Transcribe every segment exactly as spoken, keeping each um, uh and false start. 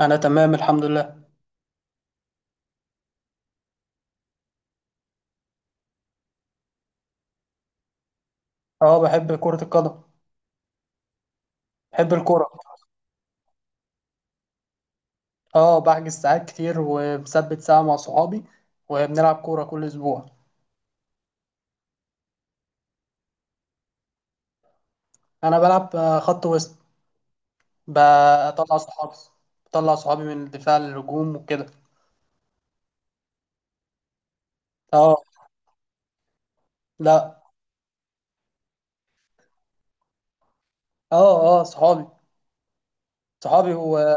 انا تمام، الحمد لله. اه بحب كرة القدم. بحب الكرة. اه بحجز ساعات كتير ومثبت ساعة مع صحابي وبنلعب كورة كل اسبوع. انا بلعب آه، خط وسط. بطلع صحابي. بطلع صحابي من الدفاع للهجوم وكده. اه، لا، اه اه صحابي، صحابي و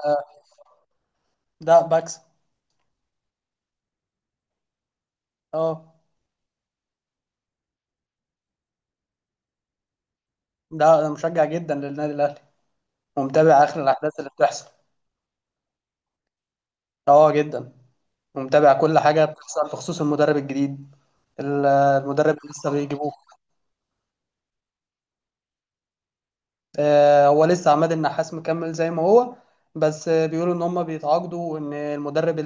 ده بكسب. اه، ده انا مشجع جدا للنادي الاهلي ومتابع اخر الاحداث اللي بتحصل. اه جدا، ومتابع كل حاجة بتحصل بخصوص المدرب الجديد. ال- المدرب اللي لسه بيجيبوه. آه، هو لسه عماد النحاس مكمل زي ما هو. بس آه، بيقولوا ان هم بيتعاقدوا، وان المدرب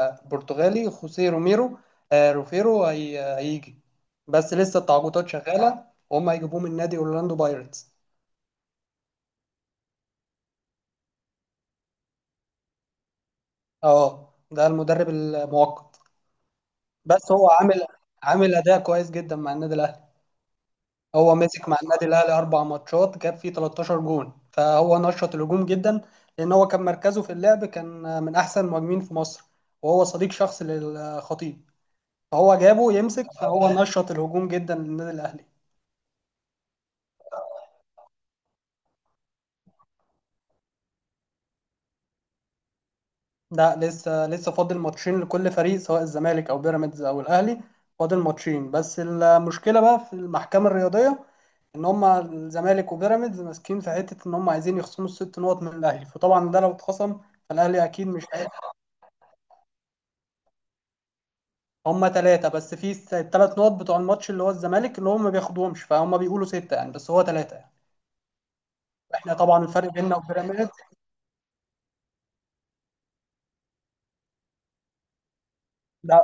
البرتغالي خوسيه روميرو. آه، روفيرو هي- هيجي. بس لسه التعاقدات شغاله وهم هيجيبوه من نادي اورلاندو بايرتس. اه، ده المدرب المؤقت. بس هو عامل عامل اداء كويس جدا مع النادي الاهلي. هو مسك مع النادي الاهلي اربع ماتشات جاب فيه تلتاشر جون، فهو نشط الهجوم جدا لان هو كان مركزه في اللعب كان من احسن المهاجمين في مصر، وهو صديق شخصي للخطيب، فهو جابه يمسك فهو نشط الهجوم جدا للنادي الاهلي. ده لسه لسه فاضل ماتشين لكل فريق سواء الزمالك او بيراميدز او الاهلي، فاضل ماتشين. بس المشكله بقى في المحكمه الرياضيه ان هم الزمالك وبيراميدز ماسكين في حته ان هم عايزين يخصموا الست نقط من الاهلي، فطبعا ده لو اتخصم فالاهلي اكيد مش. هم ثلاثة بس في الثلاث نقط بتوع الماتش اللي هو الزمالك اللي هم ما بياخدوهمش، فهم بيقولوا ستة يعني، بس هو ثلاثة يعني. احنا طبعا الفرق بيننا وبيراميدز. لا،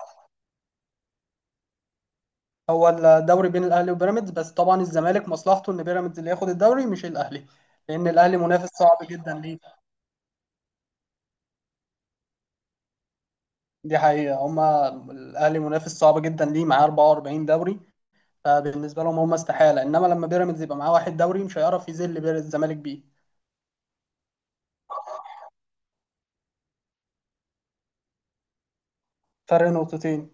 هو الدوري بين الاهلي وبيراميدز بس، طبعا الزمالك مصلحته ان بيراميدز اللي ياخد الدوري مش الاهلي لان الاهلي منافس صعب جدا ليه. دي حقيقة. هم الاهلي منافس صعب جدا ليه، معاه أربعة وأربعين دوري. فبالنسبة لهم، هم استحالة، انما لما بيراميدز يبقى معاه واحد دوري مش هيعرف يذل بير- الزمالك بيه. فرق نقطتين.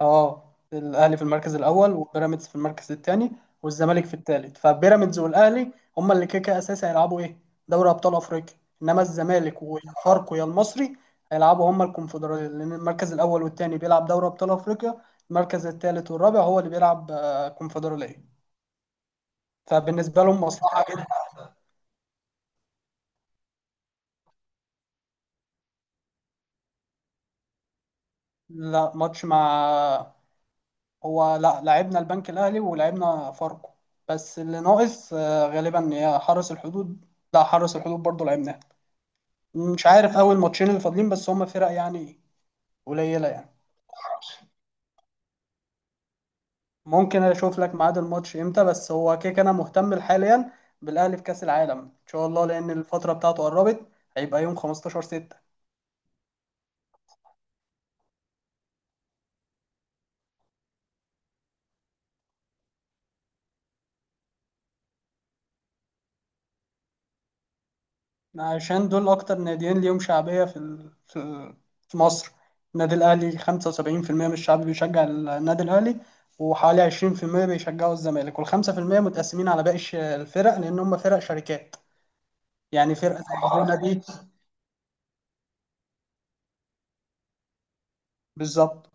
اه، الاهلي في المركز الاول وبيراميدز في المركز الثاني والزمالك في الثالث. فبيراميدز والاهلي هما اللي كده كده اساسي هيلعبوا ايه؟ دوري ابطال افريقيا. انما الزمالك ويا فاركو يا المصري هيلعبوا هما الكونفدراليه، لان المركز الاول والثاني بيلعب دوري ابطال افريقيا، المركز الثالث والرابع هو اللي بيلعب آه، كونفدراليه. فبالنسبه لهم مصلحه جدا. لا، ماتش مع. هو لا، لعبنا البنك الاهلي ولعبنا فاركو. بس اللي ناقص آه، غالبا هي حرس الحدود. لا، حرس الحدود برضه لعبناه. مش عارف اول ماتشين اللي فاضلين، بس هما فرق يعني قليله يعني. ممكن اشوف لك ميعاد الماتش امتى، بس هو كيك انا مهتم حاليا بالاهلي في كاس العالم ان شاء الله لان الفتره بتاعته قربت، هيبقى يوم خمسة عشر ستة. عشان دول اكتر ناديين ليهم شعبيه في ال- في ال- في مصر. النادي الاهلي خمسة وسبعين في المية من الشعب بيشجع النادي الاهلي، وحوالي عشرين في المية بيشجعوا الزمالك، وال خمسة في المية متقسمين على باقي الش- الفرق لان هم فرق شركات، يعني فرقه زي الجونه دي. بالظبط.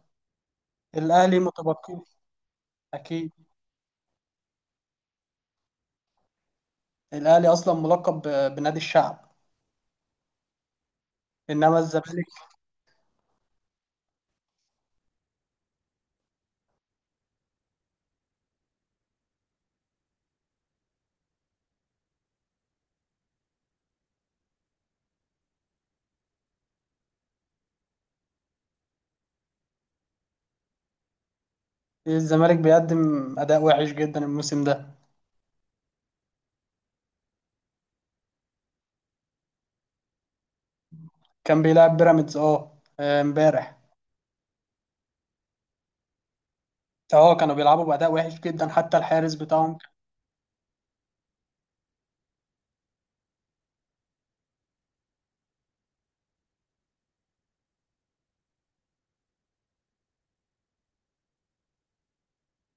الاهلي متبقي. اكيد. الاهلي اصلا ملقب ب- بنادي الشعب. انما الزمالك. الزمالك بيقدم اداء وحش جدا الموسم ده. كان بيلعب بيراميدز اه آه، امبارح. اه، كانوا بيلعبوا باداء وحش جدا، حتى الحارس بتاعهم.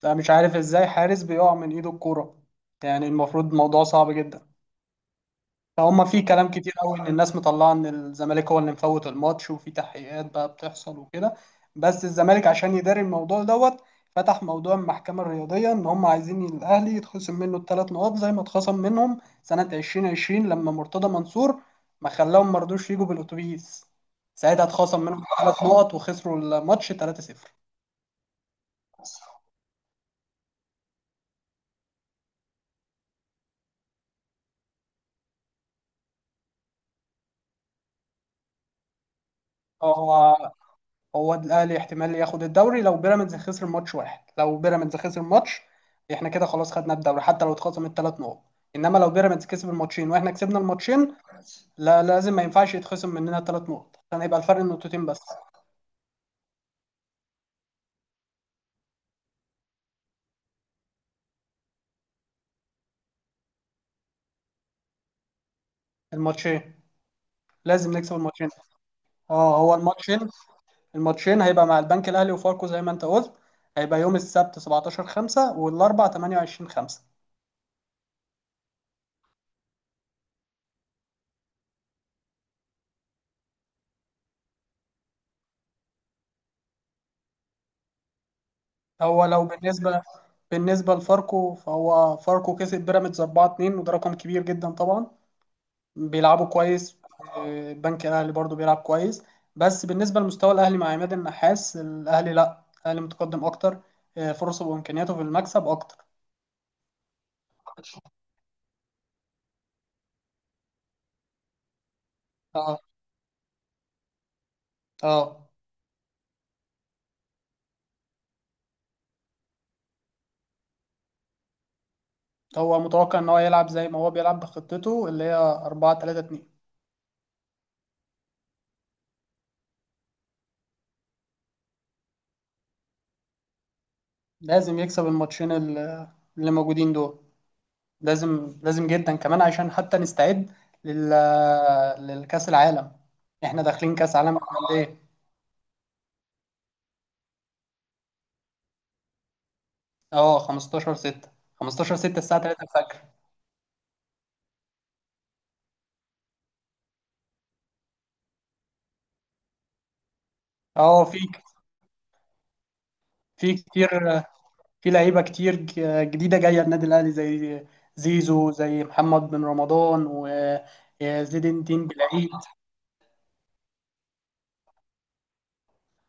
ده مش عارف ازاي حارس بيقع من ايده الكوره، يعني المفروض موضوع صعب جدا. فهم في كلام كتير قوي ان الناس مطلعه ان الزمالك هو اللي مفوت الماتش، وفي تحقيقات بقى بتحصل وكده. بس الزمالك عشان يداري الموضوع دوت فتح موضوع المحكمه الرياضيه ان هم عايزين الاهلي يتخصم منه الثلاث نقاط زي ما اتخصم منهم سنه ألفين وعشرين لما مرتضى منصور ما خلاهم، ما رضوش يجوا بالاتوبيس، ساعتها اتخصم منهم ثلاث نقط وخسروا الماتش ثلاثة صفر. هو هو الاهلي احتمال ياخد الدوري لو بيراميدز خسر ماتش واحد. لو بيراميدز خسر ماتش، احنا كده خلاص خدنا الدوري حتى لو اتخصم الثلاث نقط. انما لو بيراميدز كسب الماتشين واحنا كسبنا الماتشين، لا لازم، ما ينفعش يتخصم مننا ثلاث نقط عشان هيبقى الفرق نقطتين بس. الماتشين، لازم نكسب الماتشين. اه، هو الماتشين الماتشين هيبقى مع البنك الاهلي وفاركو زي ما انت قلت، هيبقى يوم السبت سبعتاشر خمسة والاربع تمنية وعشرين خمسة. هو لو بالنسبه بالنسبه لفاركو، فهو فاركو كسب بيراميدز أربعة اثنين وده رقم كبير جدا طبعا، بيلعبوا كويس. آه، البنك الاهلي برضو بيلعب كويس. بس بالنسبه لمستوى الاهلي مع عماد النحاس الاهلي، لا الاهلي متقدم اكتر. آه، فرصه وامكانياته في المكسب اكتر. اه اه، هو متوقع ان هو يلعب زي ما هو بيلعب بخطته اللي هي أربعة ثلاثة اثنين. لازم يكسب الماتشين ال- اللي موجودين دول. لازم لازم جدا كمان عشان حتى نستعد لل للكاس العالم. احنا داخلين كاس عالم على قد ايه؟ اه خمستاشر ستة. خمسة عشر ستة الساعه تلاتة الفجر. اه، في في كتير. في لعيبه كتير ج- جديده جايه النادي الاهلي زي زيزو، زي محمد بن رمضان وزيد الدين بالعيد.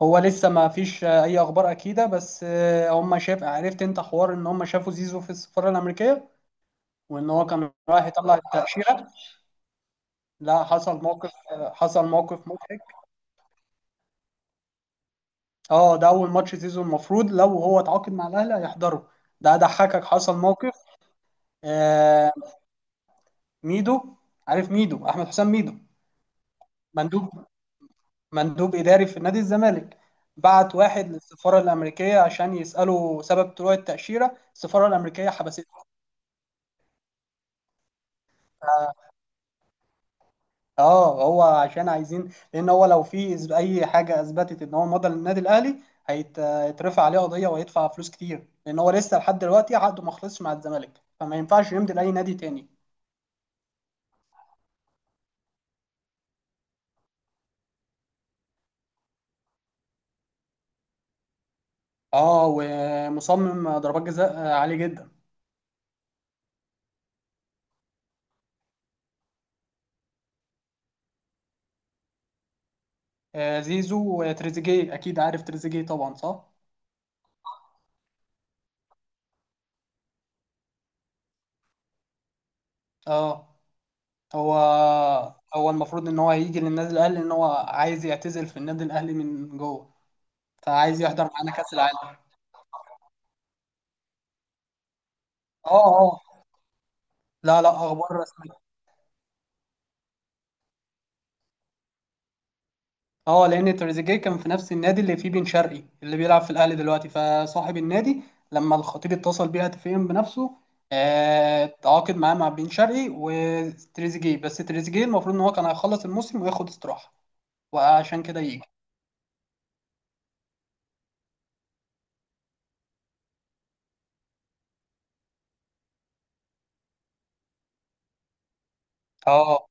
هو لسه ما فيش اي اخبار اكيده، بس آه، هم شاف عرفت انت حوار ان هم شافوا زيزو في السفاره الامريكيه وان هو كان رايح يطلع التاشيره. لا، حصل موقف، حصل موقف مضحك. اه، ده اول ماتش زيزو المفروض لو هو اتعاقد مع الاهلي هيحضره. ده ضحكك، حصل موقف. آه، ميدو، عارف ميدو احمد حسام ميدو، مندوب مندوب إداري في نادي الزمالك، بعت واحد للسفارة الأمريكية عشان يسأله سبب طلوع التأشيرة. السفارة الأمريكية حبسته. اه، هو عشان عايزين، لأن هو لو في إثب- أي حاجة أثبتت إن هو مضى للنادي الأهلي هيت- هيترفع عليه قضية وهيدفع فلوس كتير، لأن هو لسه لحد دلوقتي عقده ما خلصش مع الزمالك، فما ينفعش يمضي لأي نادي تاني. اه، ومصمم ضربات جزاء عالية جدا. آه، زيزو وتريزيجيه، أكيد عارف تريزيجيه طبعا، صح؟ اه، هو هو المفروض ان هو هيجي للنادي الاهلي، ان هو عايز يعتزل في النادي الاهلي من جوه، فعايز يحضر معانا كاس العالم. اه اه، لا لا، اخبار رسميه. اه، لان تريزيجيه كان في نفس النادي اللي فيه بن شرقي اللي بيلعب في الاهلي دلوقتي، فصاحب النادي لما الخطيب اتصل بيه هاتفيا بنفسه آه، تعاقد معاه مع بن شرقي وتريزيجيه، بس تريزيجيه المفروض ان هو كان هيخلص الموسم وياخد استراحه وعشان كده يجي. اه،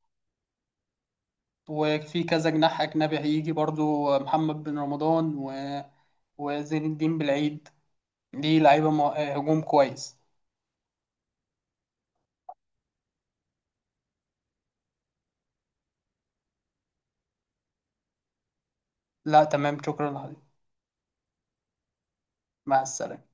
وفي كذا جناح أجنبي هيجي برضو محمد بن رمضان و... وزين الدين بالعيد. دي لعيبة م- هجوم كويس. لا، تمام، شكرا عليك. مع السلامة.